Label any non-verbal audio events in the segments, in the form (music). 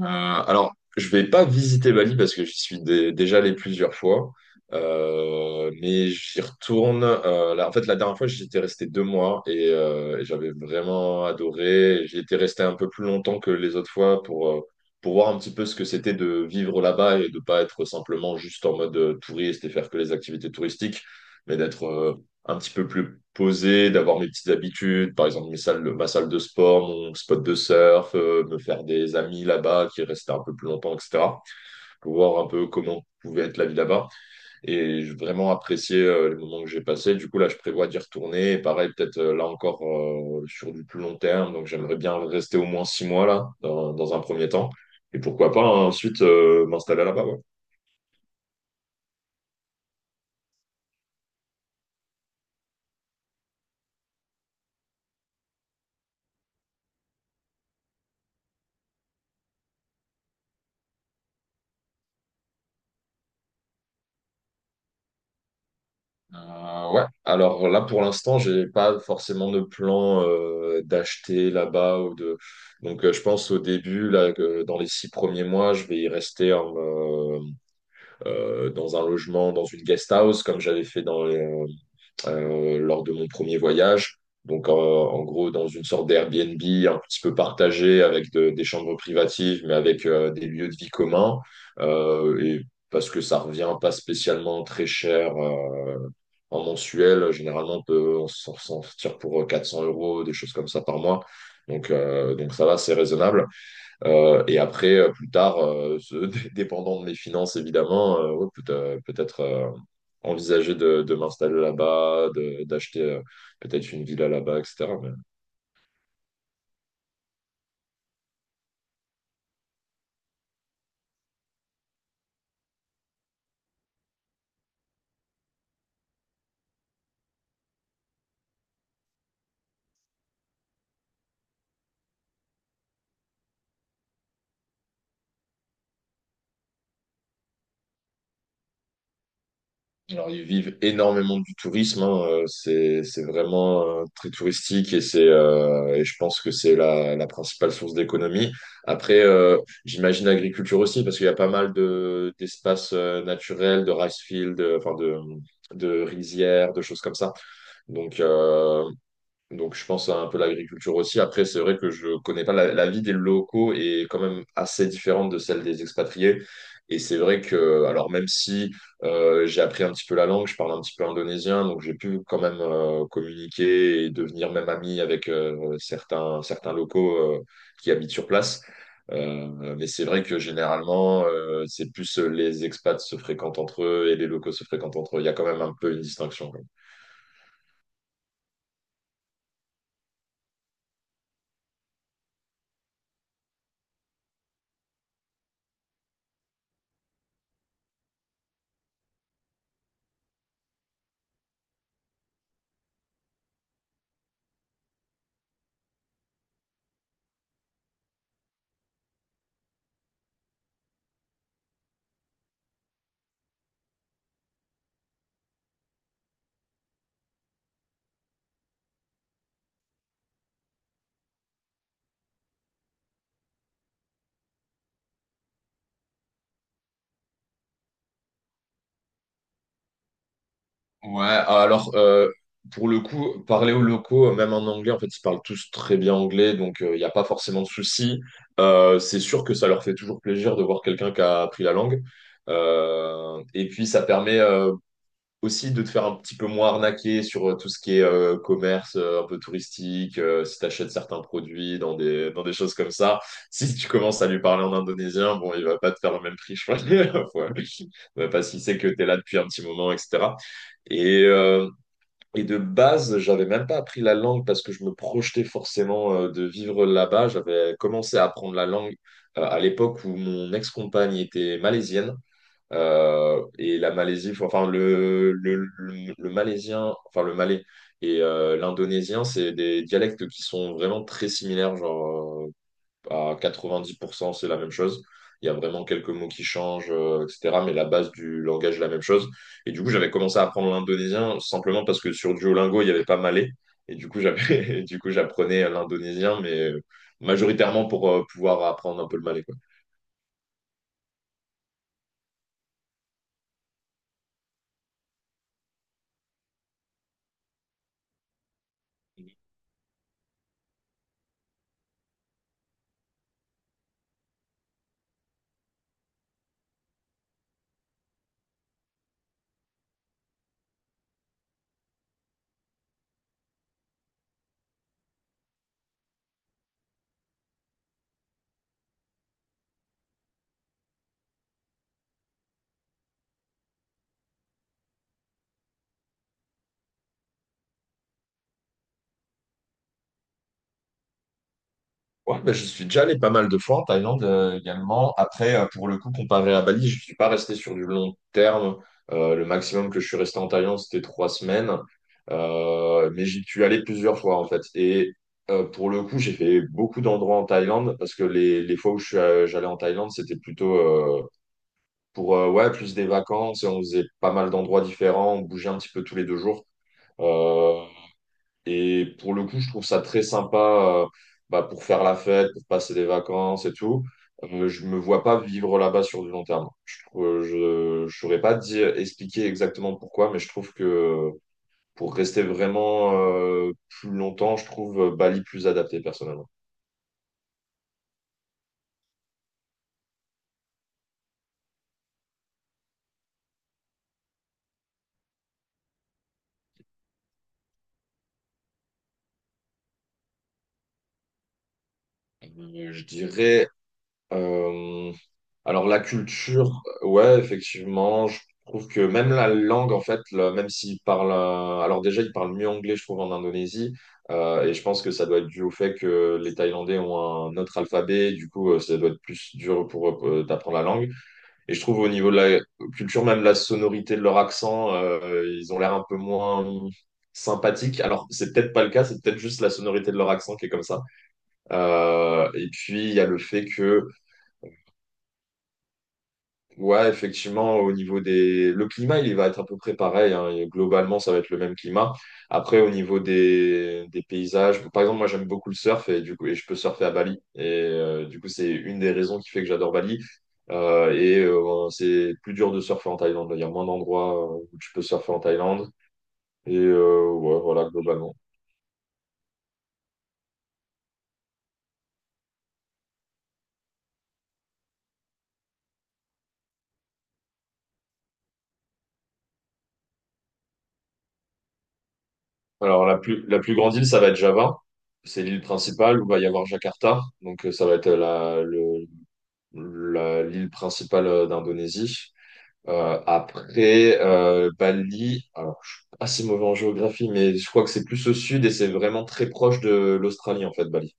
Alors, je vais pas visiter Bali parce que j'y suis déjà allé plusieurs fois. Mais j'y retourne. Là, en fait, la dernière fois, j'y étais resté 2 mois et j'avais vraiment adoré. J'y étais resté un peu plus longtemps que les autres fois pour voir un petit peu ce que c'était de vivre là-bas et de pas être simplement juste en mode touriste et faire que les activités touristiques, mais d'être un petit peu plus posé, d'avoir mes petites habitudes, par exemple mes salles, ma salle de sport, mon spot de surf, me faire des amis là-bas qui restaient un peu plus longtemps, etc. Pour voir un peu comment pouvait être la vie là-bas. Et j'ai vraiment apprécié les moments que j'ai passés. Du coup, là, je prévois d'y retourner. Et pareil, peut-être là encore, sur du plus long terme. Donc, j'aimerais bien rester au moins 6 mois là, dans un premier temps. Et pourquoi pas, hein, ensuite m'installer là-bas. Ouais. Ouais, alors là pour l'instant, j'ai pas forcément de plan d'acheter là-bas ou de. Donc, je pense au début là que dans les 6 premiers mois, je vais y rester dans un logement, dans une guest house comme j'avais fait lors de mon premier voyage. Donc, en gros, dans une sorte d'Airbnb un petit peu partagé avec des chambres privatives, mais avec des lieux de vie communs. Et parce que ça revient pas spécialement très cher en mensuel. Généralement, on peut on s'en s'en sortir pour 400 euros, des choses comme ça par mois. Donc ça va, c'est raisonnable. Et après, plus tard, (laughs) dépendant de mes finances, évidemment, ouais, peut-être envisager de m'installer là-bas, d'acheter peut-être une villa là-bas, etc. Mais- Alors, ils vivent énormément du tourisme, hein. C'est vraiment très touristique, et je pense que c'est la principale source d'économie. Après, j'imagine l'agriculture aussi, parce qu'il y a pas mal d'espaces naturels, de rice fields, enfin de rizières, de choses comme ça. Donc, euh, Donc, je pense à un peu l'agriculture aussi. Après, c'est vrai que je connais pas la vie des locaux est quand même assez différente de celle des expatriés. Et c'est vrai que, alors même si j'ai appris un petit peu la langue, je parle un petit peu indonésien, donc j'ai pu quand même communiquer et devenir même ami avec certains locaux qui habitent sur place. Euh, mais c'est vrai que généralement, c'est plus les expats se fréquentent entre eux et les locaux se fréquentent entre eux. Il y a quand même un peu une distinction. Ouais, alors pour le coup, parler aux locaux, même en anglais, en fait, ils parlent tous très bien anglais, donc il n'y a pas forcément de souci. C'est sûr que ça leur fait toujours plaisir de voir quelqu'un qui a appris la langue. Et puis ça permet, aussi de te faire un petit peu moins arnaquer sur tout ce qui est commerce, un peu touristique, si tu achètes certains produits dans des choses comme ça. Si tu commences à lui parler en indonésien, bon, il va pas te faire le même prix, je crois. (laughs) Ouais. Ouais, parce qu'il sait que tu es là depuis un petit moment, etc. Et, euh, et de base, j'avais même pas appris la langue parce que je me projetais forcément de vivre là-bas. J'avais commencé à apprendre la langue à l'époque où mon ex-compagne était malaisienne. Et la Malaisie, le malaisien, enfin le malais et l'indonésien, c'est des dialectes qui sont vraiment très similaires, genre à 90%, c'est la même chose. Il y a vraiment quelques mots qui changent, etc. Mais la base du langage est la même chose. Et du coup, j'avais commencé à apprendre l'indonésien simplement parce que sur Duolingo, il n'y avait pas malais. (laughs) Et du coup, j'apprenais l'indonésien, mais majoritairement pour pouvoir apprendre un peu le malais. Ouais, bah, je suis déjà allé pas mal de fois en Thaïlande également. Après, pour le coup, comparé à Bali, je suis pas resté sur du long terme. Le maximum que je suis resté en Thaïlande, c'était 3 semaines. Mais j'y suis allé plusieurs fois, en fait. Pour le coup, j'ai fait beaucoup d'endroits en Thaïlande parce que les fois où j'allais en Thaïlande, c'était plutôt pour ouais, plus des vacances et on faisait pas mal d'endroits différents. On bougeait un petit peu tous les 2 jours. Euh, et pour le coup, je trouve ça très sympa, euh, bah, pour faire la fête, pour passer des vacances et tout. Je me vois pas vivre là-bas sur du long terme. Je ne je, je saurais pas dire, expliquer exactement pourquoi, mais je trouve que pour rester vraiment plus longtemps, je trouve Bali plus adapté personnellement. Je dirais, euh, alors la culture, ouais, effectivement, je trouve que même la langue, en fait, même s'ils parlent, alors déjà ils parlent mieux anglais, je trouve, en Indonésie, et je pense que ça doit être dû au fait que les Thaïlandais ont un autre alphabet, et du coup, ça doit être plus dur pour eux d'apprendre la langue. Et je trouve au niveau de la culture, même la sonorité de leur accent, ils ont l'air un peu moins sympathiques. Alors c'est peut-être pas le cas, c'est peut-être juste la sonorité de leur accent qui est comme ça. Et puis il y a le fait que... Ouais, effectivement, au niveau des... Le climat, il va être à peu près pareil, hein. Et globalement, ça va être le même climat. Après, au niveau des paysages, par exemple, moi, j'aime beaucoup le surf et je peux surfer à Bali. Du coup, c'est une des raisons qui fait que j'adore Bali. C'est plus dur de surfer en Thaïlande. Il y a moins d'endroits où tu peux surfer en Thaïlande. Ouais, voilà, globalement. Alors, la plus grande île, ça va être Java. C'est l'île principale où va y avoir Jakarta. Donc, ça va être l'île principale d'Indonésie. Après, Bali, alors je suis assez mauvais en géographie, mais je crois que c'est plus au sud et c'est vraiment très proche de l'Australie, en fait, Bali.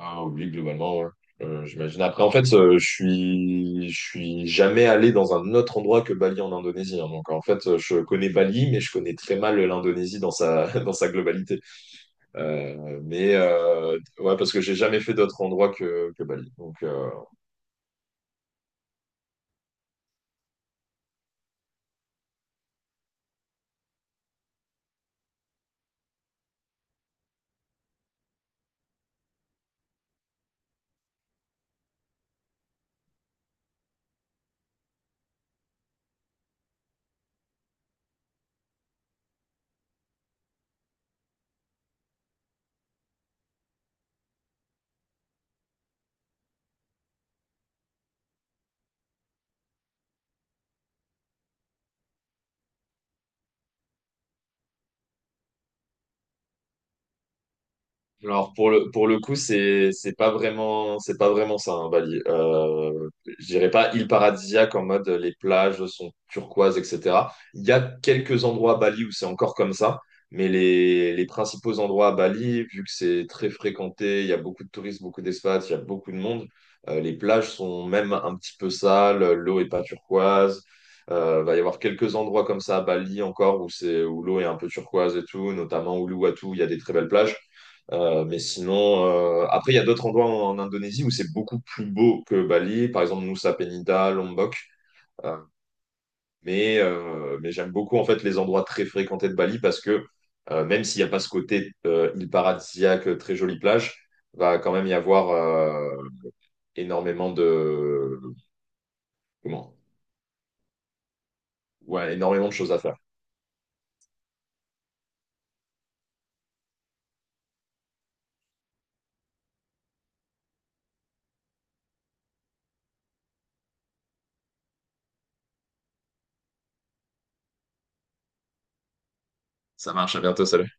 Ah oui, globalement, ouais. J'imagine. Après, en fait, je suis jamais allé dans un autre endroit que Bali en Indonésie, hein. Donc, en fait, je connais Bali, mais je connais très mal l'Indonésie (laughs) dans sa globalité. Euh, mais euh, ouais, parce que j'ai jamais fait d'autre endroit que Bali. Donc, alors pour le coup, c'est pas vraiment ça, hein, Bali. Je dirais pas île paradisiaque en mode les plages sont turquoises, etc. Il y a quelques endroits à Bali où c'est encore comme ça, mais les principaux endroits à Bali, vu que c'est très fréquenté, il y a beaucoup de touristes, beaucoup d'expats, il y a beaucoup de monde. Les plages sont même un petit peu sales, l'eau est pas turquoise. Va y avoir quelques endroits comme ça à Bali encore où l'eau est un peu turquoise et tout, notamment Uluwatu, il y a des très belles plages. Mais sinon, après, il y a d'autres endroits en Indonésie où c'est beaucoup plus beau que Bali, par exemple Nusa Penida, Lombok. Euh, mais j'aime beaucoup en fait les endroits très fréquentés de Bali parce que même s'il n'y a pas ce côté île paradisiaque, très jolie plage, va quand même y avoir énormément de comment? Ouais, énormément de choses à faire. Ça